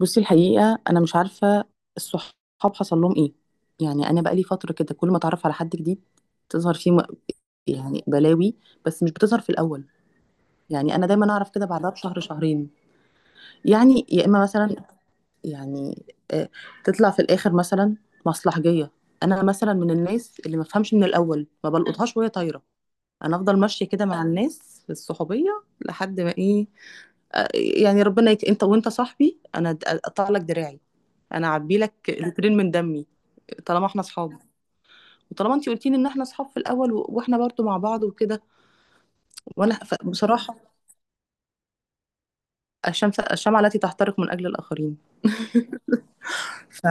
بصي، الحقيقة أنا مش عارفة الصحاب حصل لهم إيه. يعني أنا بقالي فترة كده كل ما أتعرف على حد جديد تظهر فيه يعني بلاوي، بس مش بتظهر في الأول. يعني أنا دايما أعرف كده بعدها بشهر شهرين. يعني يا إما مثلا، يعني آه، تطلع في الآخر مثلا مصلحجية. أنا مثلا من الناس اللي ما فهمش من الأول، ما بلقطهاش وهي طايرة. أنا أفضل ماشية كده مع الناس في الصحوبية لحد ما إيه، آه، يعني ربنا أنت، وأنت صاحبي أنا أقطع لك دراعي، انا اعبي لك لترين من دمي، طالما احنا اصحاب وطالما انت قلتي لي ان احنا اصحاب في الاول، واحنا برضو مع بعض وكده. وانا بصراحه الشمس، الشمعة التي تحترق من اجل الاخرين. ف...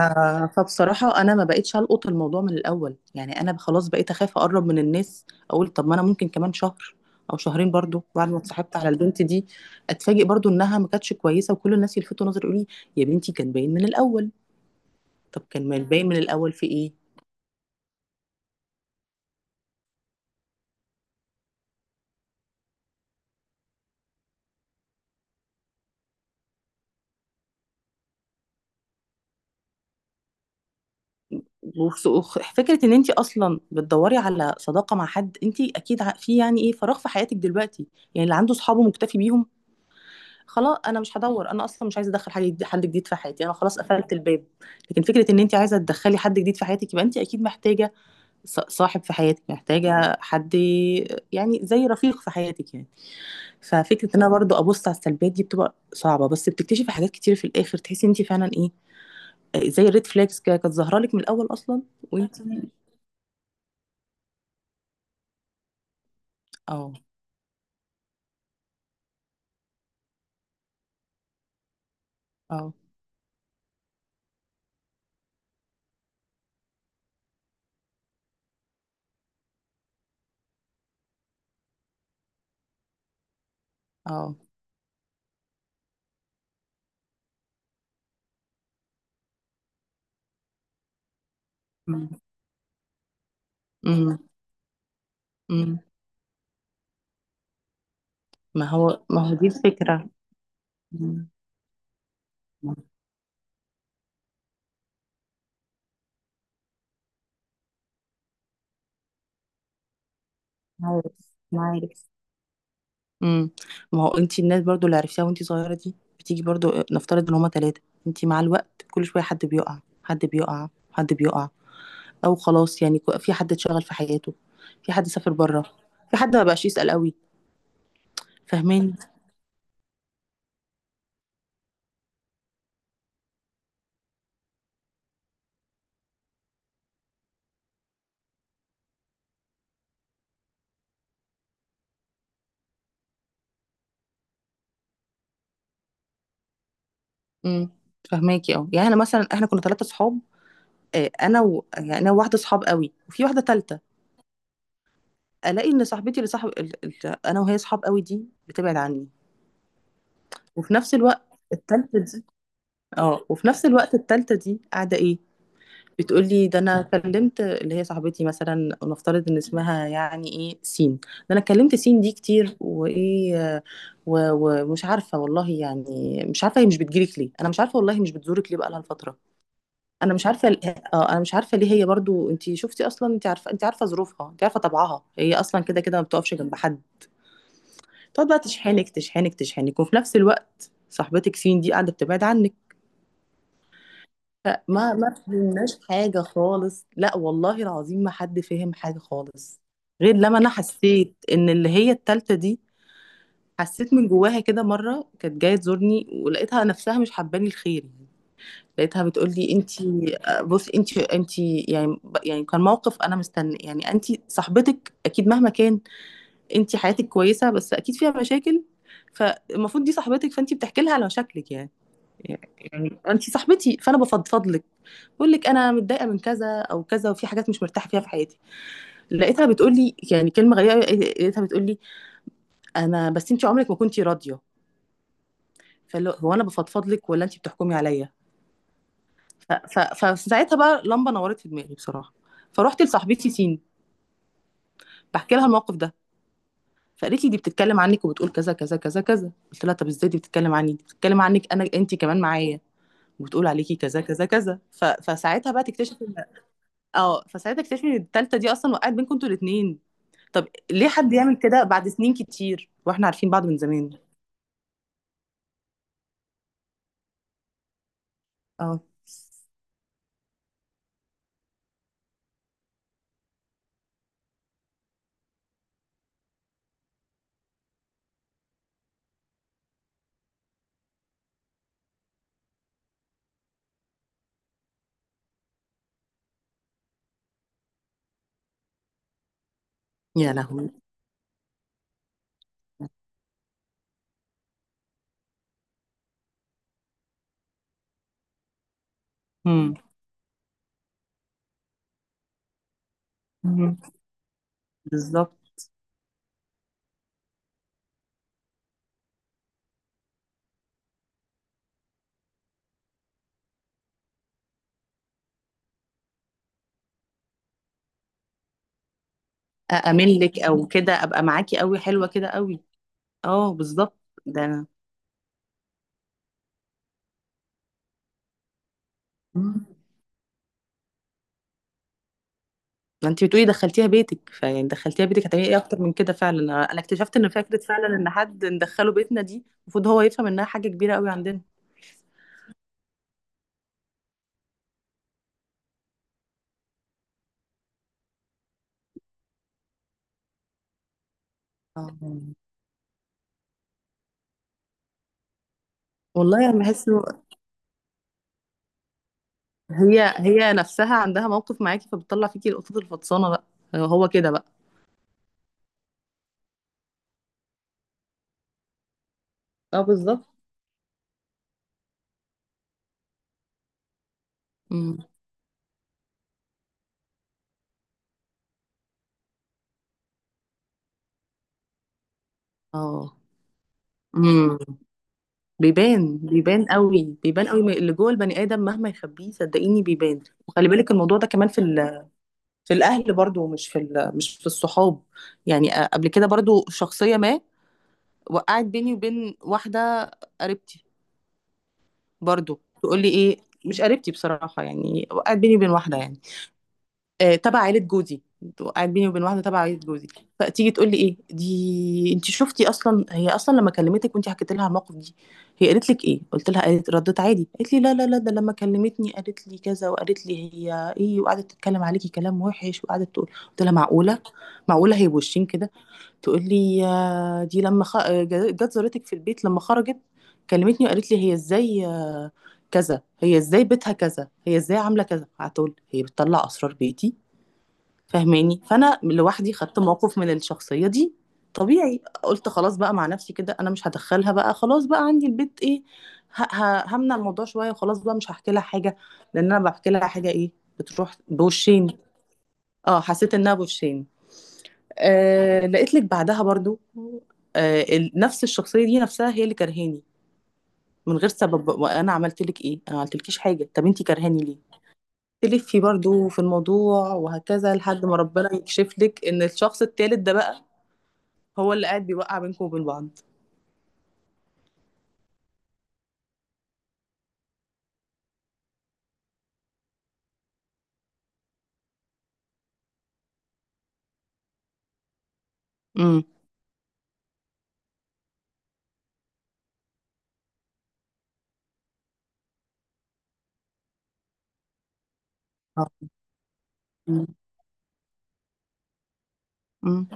فبصراحه انا ما بقتش القط الموضوع من الاول. يعني انا خلاص بقيت اخاف اقرب من الناس، اقول طب ما انا ممكن كمان شهر او شهرين برضو بعد ما اتصاحبت على البنت دي اتفاجئ برضو انها ما كانتش كويسه، وكل الناس يلفتوا نظري يقولوا لي يا بنتي كان باين من الاول. طب كان ما باين من الاول في ايه؟ فكرة ان انت اصلا بتدوري على صداقة مع حد، انت اكيد في يعني ايه، فراغ في حياتك دلوقتي. يعني اللي عنده صحابه مكتفي بيهم خلاص، انا مش هدور، انا اصلا مش عايزة ادخل حد جديد في حياتي، انا خلاص قفلت الباب. لكن فكرة ان انت عايزة تدخلي حد جديد في حياتك يبقى انت اكيد محتاجة صاحب في حياتك، محتاجة حد يعني زي رفيق في حياتك يعني. ففكرة ان انا برضو ابص على السلبيات دي بتبقى صعبة، بس بتكتشفي حاجات كتير في الاخر تحسي انت فعلا ايه، زي الريد فلاجز كده كانت ظاهرة لك من الاول اصلا. وانت اه، اه، اه، مم. مم. مم. ما هو، دي الفكرة. مم. عارف، ما عارف. مم. ما هو انت الناس برضو اللي عرفتيها وانت صغيرة دي بتيجي برضو، نفترض ان هما تلاتة، انت مع الوقت كل شوية حد بيقع، حد بيقع، حد بيقع، او خلاص يعني في حد اتشغل في حياته، في حد سافر بره، في حد ما بقاش يسأل قوي، فاهماني؟ امم، فاهماكي. اه، يعني انا مثلا احنا كنا ثلاثة صحاب، انا يعني انا وواحدة صحاب قوي، وفي واحدة تالتة. الاقي ان صاحبتي اللي صاحب انا وهي صحاب قوي دي بتبعد عني، وفي نفس الوقت التالتة دي، اه، وفي نفس الوقت التالتة دي قاعدة ايه، بتقول لي ده انا كلمت اللي هي صاحبتي مثلا، ونفترض ان اسمها يعني ايه، سين. ده انا كلمت سين دي كتير، وايه، ومش عارفة والله، يعني مش عارفة هي مش بتجيلك ليه، انا مش عارفة والله هي مش بتزورك ليه بقالها فترة. انا مش عارفة اه، انا مش عارفة ليه هي برضو. انت شفتي اصلا، انت عارفة، انت عارفة ظروفها، انت عارفة طبعها، هي اصلا كده كده ما بتقفش جنب حد. تقعد بقى تشحنك تشحنك تشحنك، وفي نفس الوقت صاحبتك فين، دي قاعده بتبعد عنك. فما ما فهمناش حاجه خالص، لا والله العظيم ما حد فهم حاجه خالص، غير لما انا حسيت ان اللي هي التالتة دي، حسيت من جواها كده. مره كانت جايه تزورني ولقيتها نفسها مش حباني الخير يعني، لقيتها بتقول لي انتي، بصي انتي، يعني يعني كان موقف انا مستني يعني انتي صاحبتك اكيد مهما كان انت حياتك كويسه بس اكيد فيها مشاكل، فالمفروض دي صاحبتك فانت بتحكي لها على مشاكلك، يعني يعني انت صاحبتي فانا بفضفض لك، بقول لك انا متضايقه من كذا او كذا، وفي حاجات مش مرتاحه فيها في حياتي. لقيتها بتقول لي يعني كلمه غريبه أوي، لقيتها بتقول لي انا بس انت عمرك ما كنتي راضيه. فاللي هو، هو انا بفضفض لك ولا انت بتحكمي عليا؟ ف- فساعتها بقى لمبه نورت في دماغي بصراحه. فروحت لصاحبتي سين بحكي لها الموقف ده، فقالت لي دي بتتكلم عنك، وبتقول كذا كذا كذا كذا. قلت لها طب ازاي دي بتتكلم عني، دي بتتكلم عنك انا، انت كمان معايا وبتقول عليكي كذا كذا كذا. فساعتها بقى تكتشف ان، اه، فساعتها تكتشف ان التالتة دي اصلا وقعت بينكم انتوا الاتنين. طب ليه حد يعمل كده بعد سنين كتير واحنا عارفين بعض من زمان؟ اه. يا لهوي. امم. أمم. بالظبط. أأمن لك او كده، ابقى معاكي قوي، حلوه كده قوي. اه بالظبط، ده انا، ما انت بتقولي دخلتيها بيتك، فيعني دخلتيها بيتك هتعملي ايه اكتر من كده؟ فعلا انا، اكتشفت ان فكره فعلا ان حد ندخله بيتنا، دي المفروض هو يفهم انها حاجه كبيره قوي عندنا. آه. والله انا بحس إنه هي هي نفسها عندها موقف معاكي، فبتطلع فيكي القطط الفطسانه بقى، هو كده بقى. اه، بالظبط. امم. اه. امم. بيبان، بيبان قوي، بيبان قوي، اللي جوه البني ادم مهما يخبيه صدقيني بيبان. وخلي بالك الموضوع ده كمان في في الاهل برضو، مش في مش في الصحاب. يعني قبل كده برضو شخصيه ما وقعت بيني وبين واحدة قريبتي، برضو تقول لي ايه، مش قريبتي بصراحة، يعني وقعت بيني وبين واحدة يعني، آه، تبع عيلة جوزي. وقعت بيني وبين واحدة تبع عيلة جوزي، فتيجي تقول لي ايه دي، انت شفتي اصلا، هي اصلا لما كلمتك وانت حكيت لها على الموقف دي هي قالت لك ايه؟ قلت لها قالت، ردت عادي، قالت لي لا، لا، لا، ده لما كلمتني قالت لي كذا، وقالت لي هي ايه، وقعدت تتكلم عليكي كلام وحش، وقعدت تقول. قلت لها معقولة، معقولة هي بوشين كده؟ تقول لي يا دي، لما جت زارتك في البيت لما خرجت كلمتني وقالت لي هي ازاي، كذا، هي ازاي بيتها كذا، هي ازاي عامله كذا. قعدت اقول هي بتطلع اسرار بيتي، فاهماني؟ فانا لوحدي خدت موقف من الشخصيه دي، طبيعي. قلت خلاص بقى مع نفسي كده انا مش هدخلها بقى خلاص بقى عندي البيت ايه، همنع الموضوع شويه، وخلاص بقى مش هحكي لها حاجه، لان انا بحكي لها حاجه ايه، بتروح بوشين. اه، حسيت انها بوشين. آه لقيت لك بعدها برضو، آه نفس الشخصية دي نفسها هي اللي كرهاني من غير سبب. وانا عملت لك ايه؟ انا ما عملتلكيش حاجة، طب انتي كرهاني ليه؟ تلفي برضو في الموضوع وهكذا، لحد ما ربنا يكشف لك ان الشخص التالت ده بقى هو اللي قاعد بيوقع بينكم وبين بعض. امم. امم.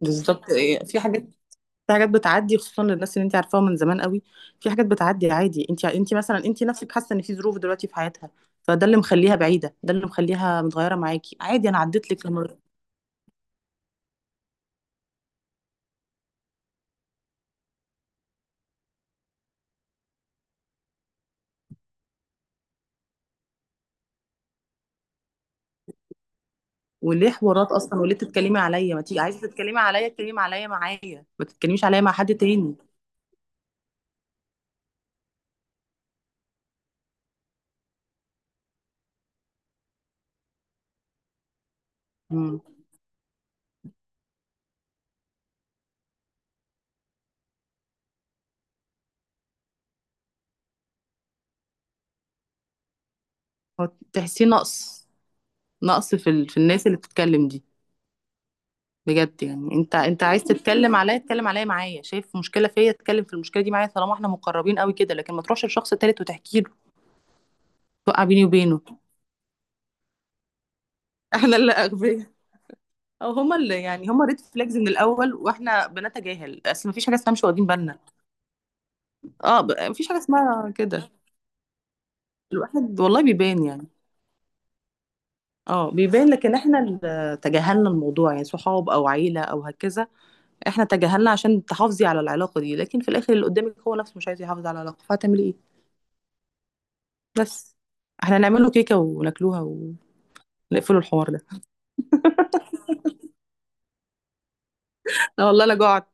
بالظبط. إيه، في حاجات، في حاجات بتعدي خصوصا للناس اللي انت عارفاها من زمان قوي، في حاجات بتعدي عادي. انت، مثلا انت نفسك حاسه ان في ظروف دلوقتي في حياتها، فده اللي مخليها بعيده، ده اللي مخليها متغيره معاكي عادي، انا عديت لك وليه حوارات اصلا، وليه تتكلمي عليا؟ ما تيجي عايزه تتكلمي عليا اتكلمي عليا معايا، ما تتكلميش عليا مع حد تاني. امم. هو تحسيه نقص، نقص في في الناس اللي بتتكلم دي. بجد، يعني انت، عايز تتكلم عليا اتكلم عليا معايا، شايف مشكله فيا اتكلم في المشكله دي معايا، طالما احنا مقربين قوي كده، لكن ما تروحش لشخص تالت وتحكي له، توقع بيني وبينه. احنا اللي اغبياء، او هما اللي يعني هما ريد فلاجز من الاول واحنا بنتجاهل، اصل مفيش حاجه اسمها مش واخدين بالنا. اه، مفيش حاجه اسمها كده. الواحد والله بيبان يعني، اه بيبان، لكن احنا اللي تجاهلنا الموضوع، يعني صحاب او عيله او هكذا. احنا تجاهلنا عشان تحافظي على العلاقه دي، لكن في الاخر اللي قدامك هو نفسه مش عايز يحافظ على العلاقه، فهتعملي ايه؟ بس، احنا نعمله كيكه وناكلوها، ونقفلوا الحوار ده. لا والله انا جوعت.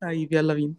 طيب يلا بينا.